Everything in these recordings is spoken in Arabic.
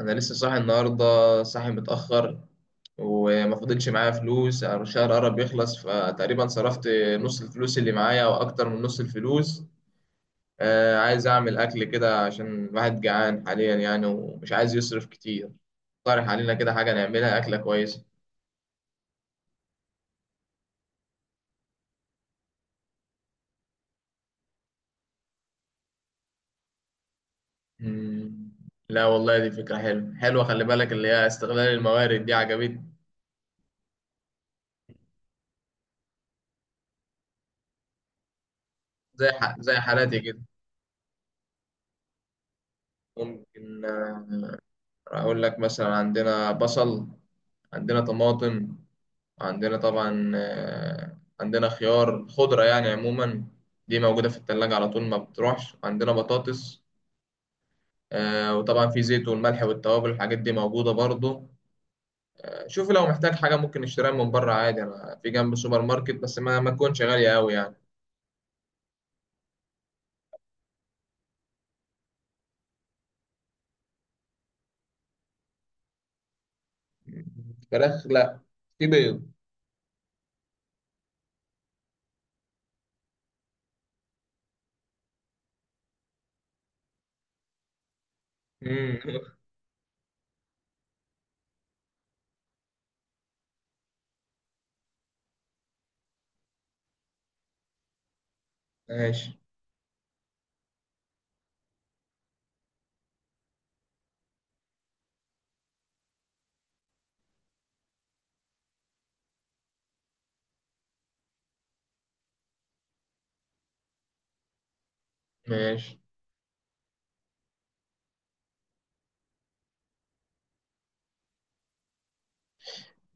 انا لسه صاحي النهارده، صاحي متاخر. وما فضلش معايا فلوس، الشهر قرب يخلص فتقريبا صرفت نص الفلوس اللي معايا او اكتر من نص الفلوس. عايز اعمل اكل كده عشان الواحد جعان حاليا يعني ومش عايز يصرف كتير. اقترح علينا كده حاجه نعملها، اكله كويسه. مم. لا والله، دي فكره حلوه حلوه، خلي بالك اللي هي استغلال الموارد دي عجبتني. زي حالاتي كده. ممكن، اقول لك مثلا عندنا بصل، عندنا طماطم، عندنا طبعا، عندنا خيار خضرة يعني عموما. دي موجودة في التلاجة على طول، ما بتروحش. عندنا بطاطس، وطبعا في زيت والملح والتوابل، الحاجات دي موجودة برضو. شوف لو محتاج حاجة ممكن نشتريها من بره عادي، أنا في جنب سوبر ماركت، بس ما تكونش غالية أوي يعني. فراخ لا، في بيض. مم. ماشي ماشي.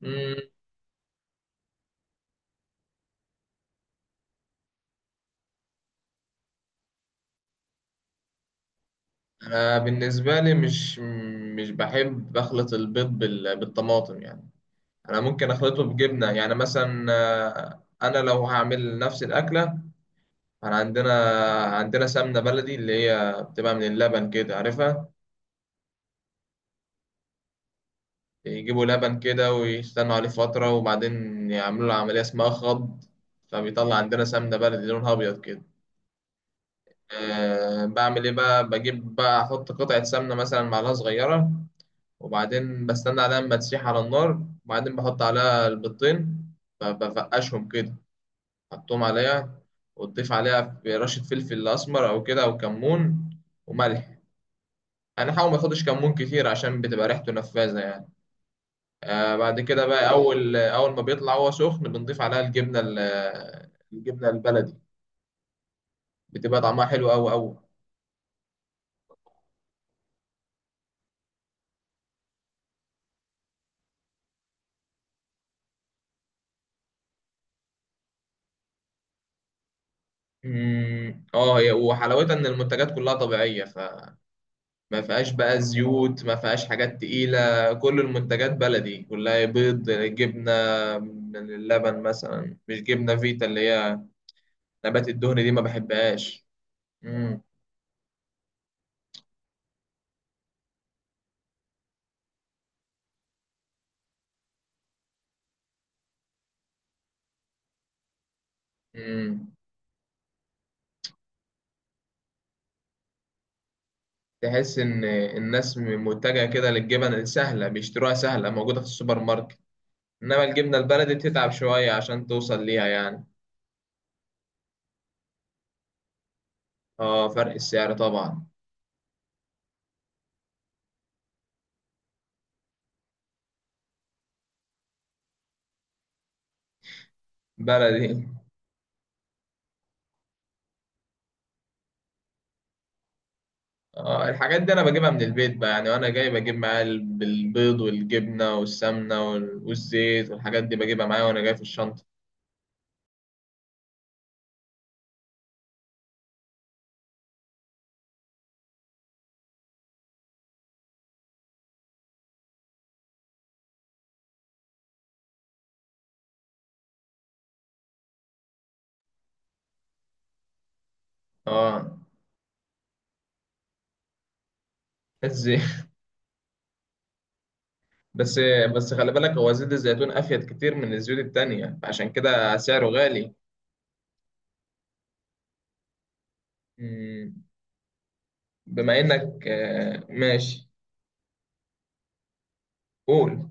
مم. أنا بالنسبة لي مش بحب أخلط البيض بالطماطم يعني. انا ممكن اخلطه بجبنه يعني مثلا، انا لو هعمل نفس الاكله. انا عندنا سمنه بلدي اللي هي بتبقى من اللبن، كده عارفها. يجيبوا لبن كده ويستنوا عليه فتره، وبعدين يعملوا له عمليه اسمها خض، فبيطلع عندنا سمنه بلدي لونها ابيض كده. أه، بعمل ايه بقى؟ بجيب بقى احط قطعه سمنه مثلا، معلقه صغيره، وبعدين بستنى عليها لما تسيح على النار، وبعدين بحط عليها البيضتين، فبفقشهم كده، حطهم عليها، وتضيف عليها رشة فلفل أسمر أو كده أو كمون، وملح. أنا حاول ما تاخدش كمون كتير عشان بتبقى ريحته نفاذة يعني. آه، بعد كده بقى، أول أول ما بيطلع هو سخن بنضيف عليها الجبنة، الجبنة البلدي. بتبقى طعمها حلو أوي أوي. مم، اه، هي وحلاوتها ان المنتجات كلها طبيعيه، فما فيهاش بقى زيوت، ما فيهاش حاجات تقيله. كل المنتجات بلدي كلها، بيض، جبنه من اللبن مثلا، مش جبنه فيتا اللي هي نبات الدهن دي ما بحبهاش. امم امم تحس ان الناس متجهه كده للجبن السهله، بيشتروها سهله موجوده في السوبر ماركت، انما الجبنه البلدي بتتعب شويه عشان توصل ليها يعني. اه، فرق السعر طبعا. بلدي. اه، الحاجات دي انا بجيبها من البيت بقى يعني، وانا جاي بجيب معايا البيض والجبنه والسمنه والزيت، والحاجات دي بجيبها معايا وانا جاي في الشنطه. اه، الزيت. بس بس خلي بالك، هو زيت الزيتون افيد كتير من الزيوت التانية عشان كده سعره غالي. مم، بما انك، ماشي. قول.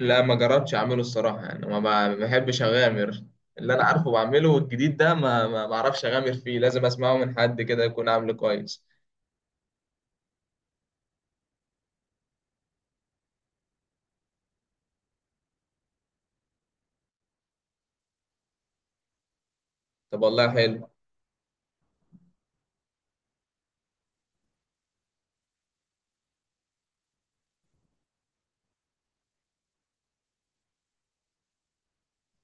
لا، ما جربتش اعمله الصراحه يعني، ما بحبش اغامر. اللي انا عارفه بعمله، والجديد ده ما بعرفش اغامر فيه، لازم اسمعه من حد كده يكون عامله كويس. طب والله حلو.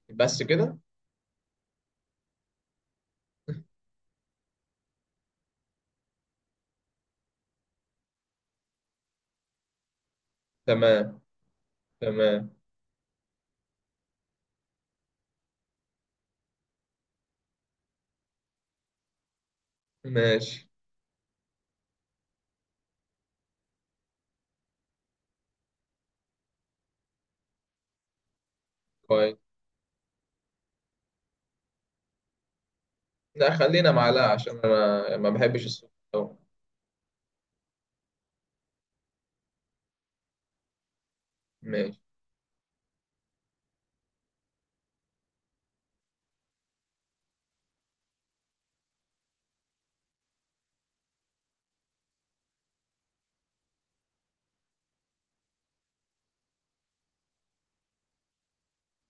بس كده؟ تمام تمام. ماشي كويس. لا، خلينا معلقه عشان انا ما بحبش السكر أوي. ماشي.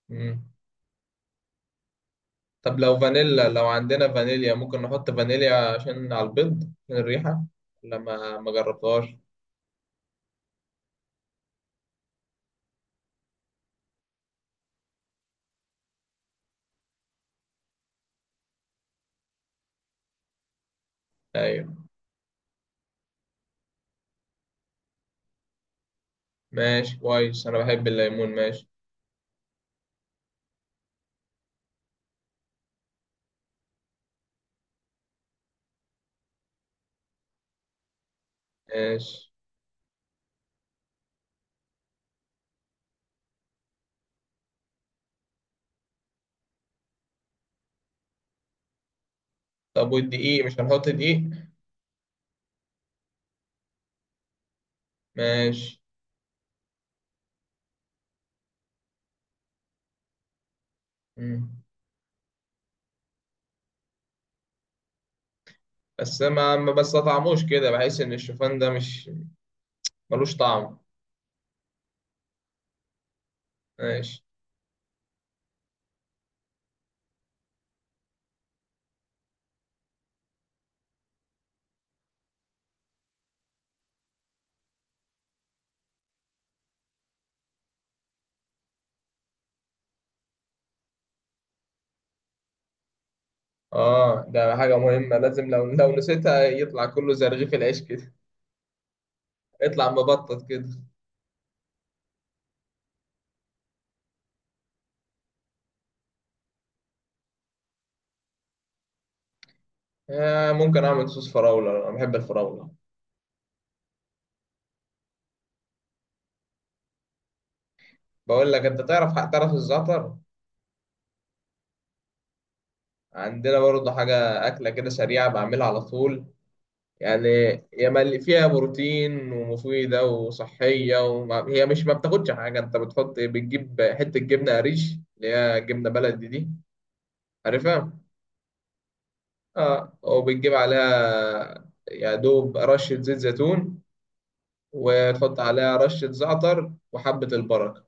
مم. طب لو فانيلا، لو عندنا فانيليا ممكن نحط فانيليا عشان على البيض، عشان الريحه، لما ما جربتهاش. ايوه، ماشي كويس، انا بحب الليمون. ماشي. ماشي. طب والدقيق، مش هنحط دقيق؟ ماشي. مم. بس ما بستطعموش كده، بحس ان الشوفان ده مش ملوش طعم. ماشي. اه، ده حاجة مهمة، لازم لو نسيتها يطلع كله زي رغيف العيش كده، يطلع مبطط كده. آه، ممكن اعمل صوص فراولة، انا بحب الفراولة. بقول لك، انت تعرف الزعتر؟ عندنا برضه حاجة أكلة كده سريعة بعملها على طول يعني، فيها بروتين ومفيدة وصحية، وما هي مش ما بتاخدش حاجة، انت بتحط، بتجيب حتة جبنة قريش اللي هي جبنة بلدي دي، عارفها؟ اه، وبتجيب عليها يا دوب رشة زيت زيتون، وتحط عليها رشة زعتر وحبة البركة.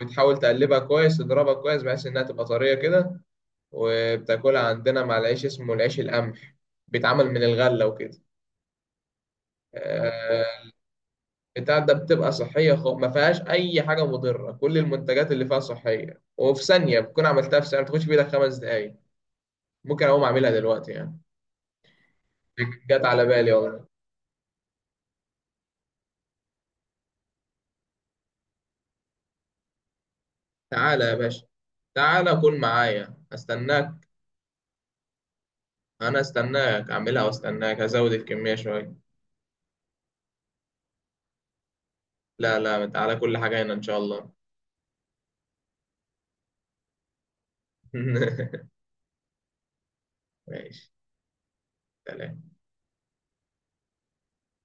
بتحاول تقلبها كويس، تضربها كويس بحيث انها تبقى طرية كده، وبتاكلها عندنا مع العيش، اسمه العيش القمح، بيتعمل من الغلة وكده. آه. بتاع ده بتبقى صحية خالص، ما فيهاش أي حاجة مضرة، كل المنتجات اللي فيها صحية، وفي ثانية بتكون عملتها، في ثانية ما بتاخدش بإيدك 5 دقايق، ممكن أقوم أعملها دلوقتي يعني. جت على بالي والله. تعالى يا باشا، تعالى كل معايا أستناك. أنا أستناك أعملها وأستناك هزود الكمية شوية. لا لا، تعالى، كل حاجة هنا إن شاء الله. ماشي. سلام.